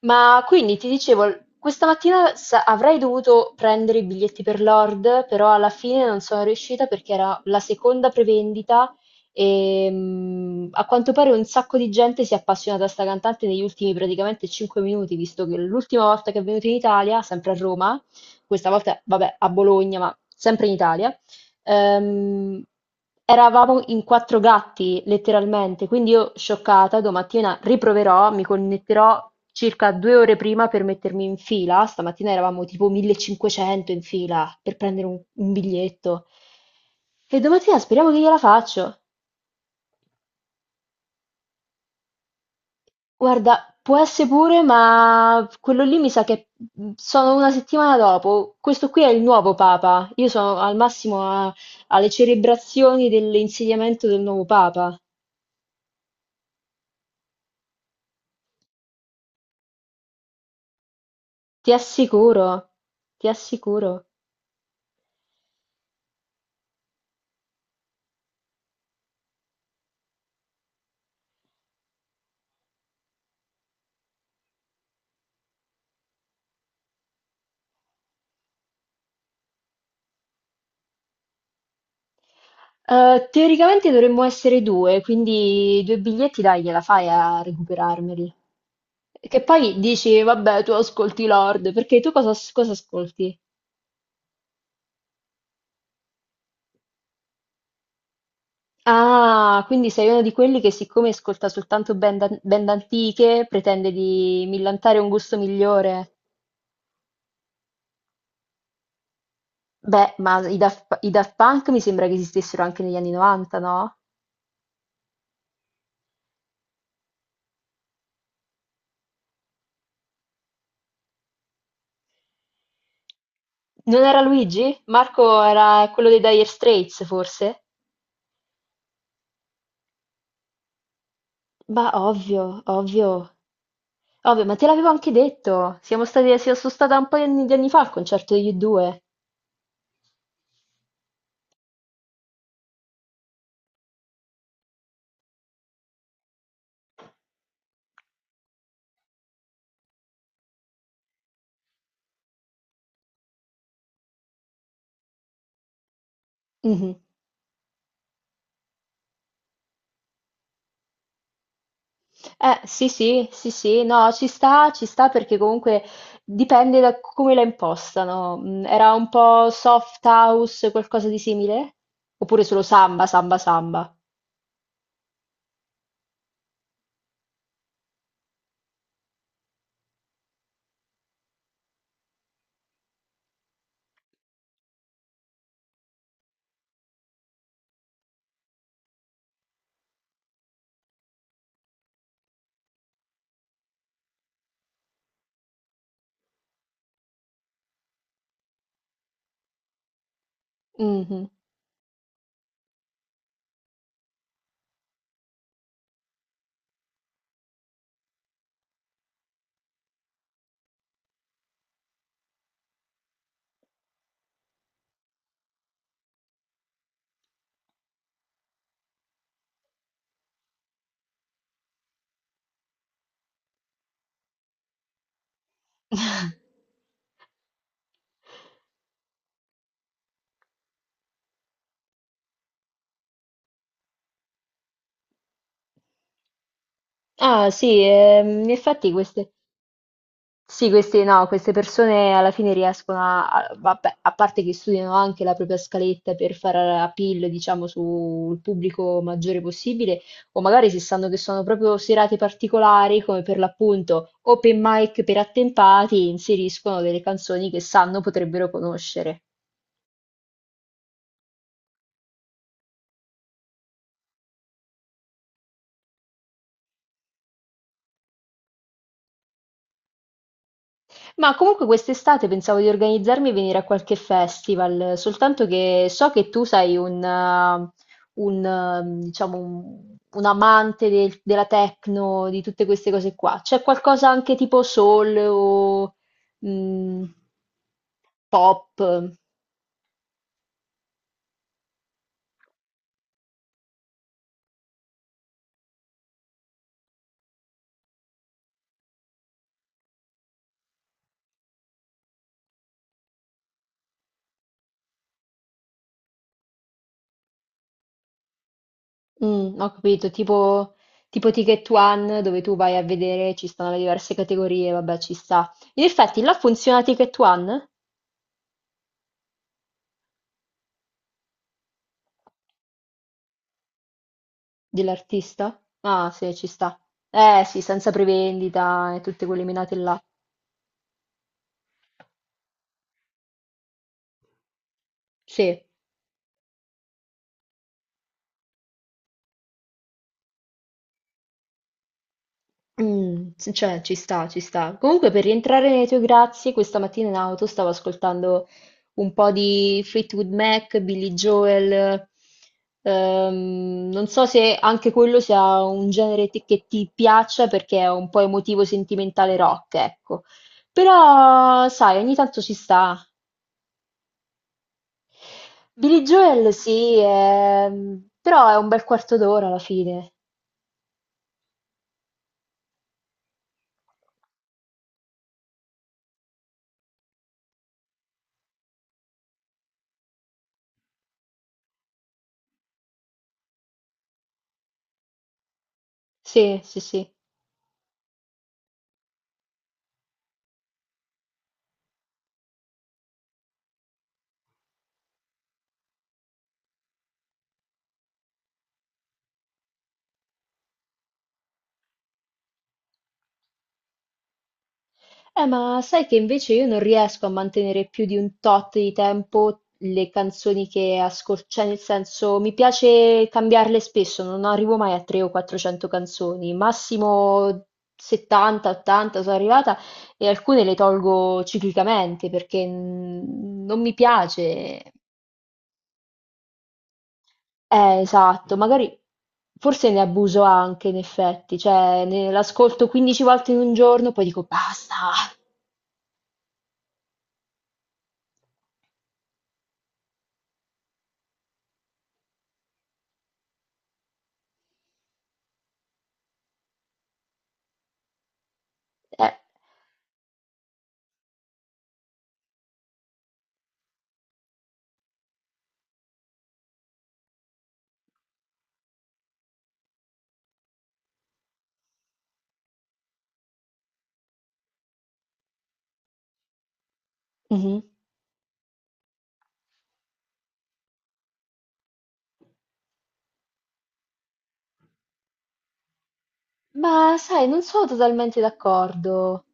Ma quindi ti dicevo, questa mattina avrei dovuto prendere i biglietti per Lord, però alla fine non sono riuscita perché era la seconda prevendita e a quanto pare un sacco di gente si è appassionata a sta cantante negli ultimi praticamente 5 minuti, visto che l'ultima volta che è venuta in Italia, sempre a Roma, questa volta vabbè a Bologna, ma sempre in Italia, Ehm, eravamo in quattro gatti, letteralmente, quindi io, scioccata, domattina riproverò, mi connetterò circa due ore prima per mettermi in fila. Stamattina eravamo tipo 1.500 in fila per prendere un biglietto. E domattina speriamo che gliela faccio. Guarda, può essere pure, ma quello lì mi sa che sono una settimana dopo. Questo qui è il nuovo Papa. Io sono al massimo alle celebrazioni dell'insediamento del nuovo Papa. Ti assicuro, ti assicuro. Teoricamente dovremmo essere due, quindi due biglietti dai, gliela fai a recuperarmeli. Che poi dici, vabbè, tu ascolti Lord, perché tu cosa, cosa ascolti? Ah, quindi sei uno di quelli che siccome ascolta soltanto band antiche, pretende di millantare un gusto migliore. Beh, ma i Daft Punk mi sembra che esistessero anche negli anni 90, no? Non era Luigi? Marco era quello dei Dire Straits, forse? Bah, ovvio, ovvio, ovvio, ma te l'avevo anche detto. Sono stata un paio di anni fa al concerto degli U2. Mhm. Sì, sì, sì, sì, no, ci sta perché comunque dipende da come la impostano. Mm, era un po' soft house, qualcosa di simile? Oppure solo samba, samba, samba? Mhm. Ah, sì, in effetti queste. Sì, queste, no, queste persone alla fine riescono vabbè, a parte che studiano anche la propria scaletta per fare appeal, diciamo, sul pubblico maggiore possibile, o magari se sanno che sono proprio serate particolari, come per l'appunto open mic per attempati, inseriscono delle canzoni che sanno potrebbero conoscere. Ma comunque quest'estate pensavo di organizzarmi e venire a qualche festival, soltanto che so che tu sei diciamo, un amante della techno, di tutte queste cose qua. C'è qualcosa anche tipo soul o mm, pop? Mm, ho capito, tipo, tipo Ticket One, dove tu vai a vedere, ci stanno le diverse categorie, vabbè, ci sta. In effetti, là funziona Ticket One? Dell'artista? Ah sì, ci sta. Eh sì, senza prevendita e tutte quelle menate là. Sì, mm, sì, cioè ci sta, ci sta. Comunque per rientrare nei tuoi grazie, questa mattina in auto stavo ascoltando un po' di Fleetwood Mac, Billy Joel. Non so se anche quello sia un che ti piaccia perché è un po' emotivo, sentimentale rock, ecco. Però, sai, ogni tanto ci sta. Billy Joel sì, però è un bel quarto d'ora alla fine. Sì, sì, sì. Ma sai che invece io non riesco a mantenere più di un tot di tempo le canzoni che ascolto, cioè nel senso mi piace cambiarle spesso, non arrivo mai a 300 o 400 canzoni, massimo 70, 80 sono arrivata e alcune le tolgo ciclicamente perché non mi piace. Esatto, magari forse ne abuso anche in effetti, l'ascolto 15 volte in un giorno, poi dico basta. Eh, mhm. Ma sai, non sono totalmente d'accordo.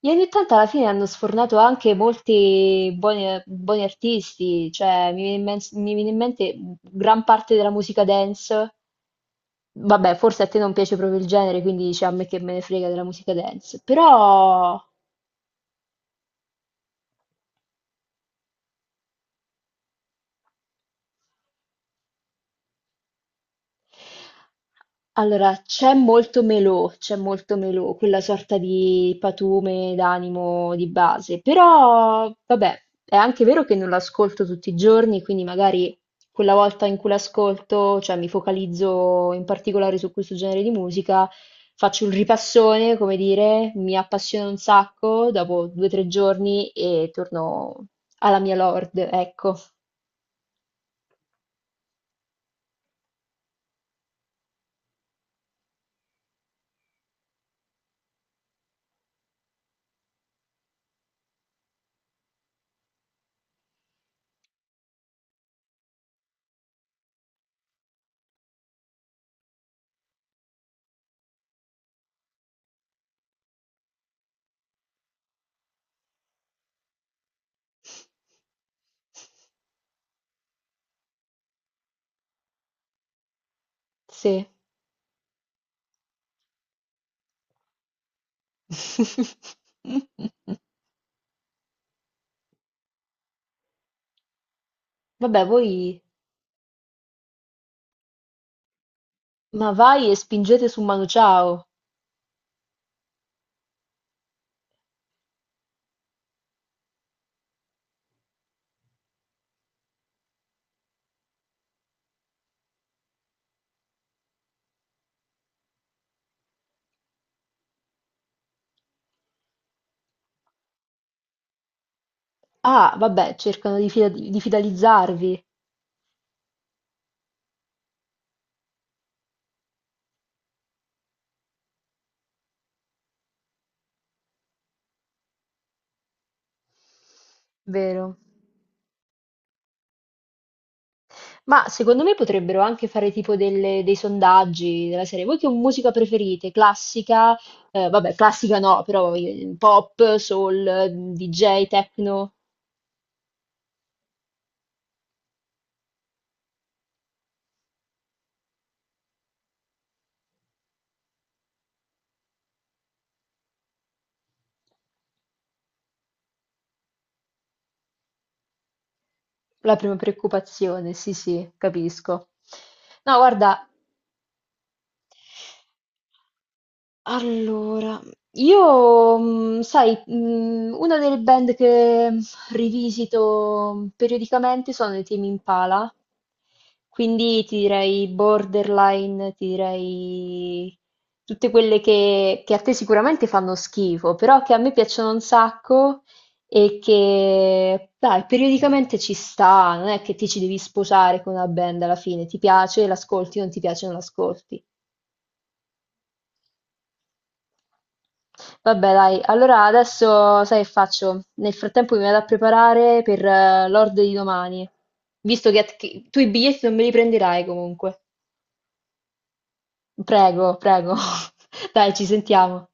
Gli anni 80 alla fine hanno sfornato anche molti buoni, buoni artisti, cioè mi viene in mente gran parte della musica dance. Vabbè, forse a te non piace proprio il genere, quindi dici a me che me ne frega della musica dance, però allora, c'è molto melò, quella sorta di patume d'animo di base, però vabbè, è anche vero che non l'ascolto tutti i giorni, quindi magari quella volta in cui l'ascolto, cioè mi focalizzo in particolare su questo genere di musica, faccio un ripassone, come dire, mi appassiona un sacco, dopo due o tre giorni e torno alla mia Lord, ecco, sì. Vabbè, voi... Ma vai e spingete su Manu Chao. Ah, vabbè, cercano di, di fidalizzarvi, vero? Ma secondo me potrebbero anche fare tipo dei sondaggi della serie. Voi che musica preferite? Classica? Vabbè, classica no, però pop, soul, DJ, techno? La prima preoccupazione, sì, sì, capisco. No, guarda, allora, io, sai, una delle band che rivisito periodicamente sono i Tame Impala, quindi ti direi Borderline, ti direi tutte quelle che a te sicuramente fanno schifo, però che a me piacciono un sacco e che, dai, periodicamente ci sta, non è che ti ci devi sposare con una band alla fine, ti piace, l'ascolti, non ti piace, non l'ascolti. Vabbè dai, allora adesso sai che faccio? Nel frattempo mi vado a preparare per l'ordo di domani, visto che tu i biglietti non me li prenderai comunque. Prego, prego. Dai, ci sentiamo.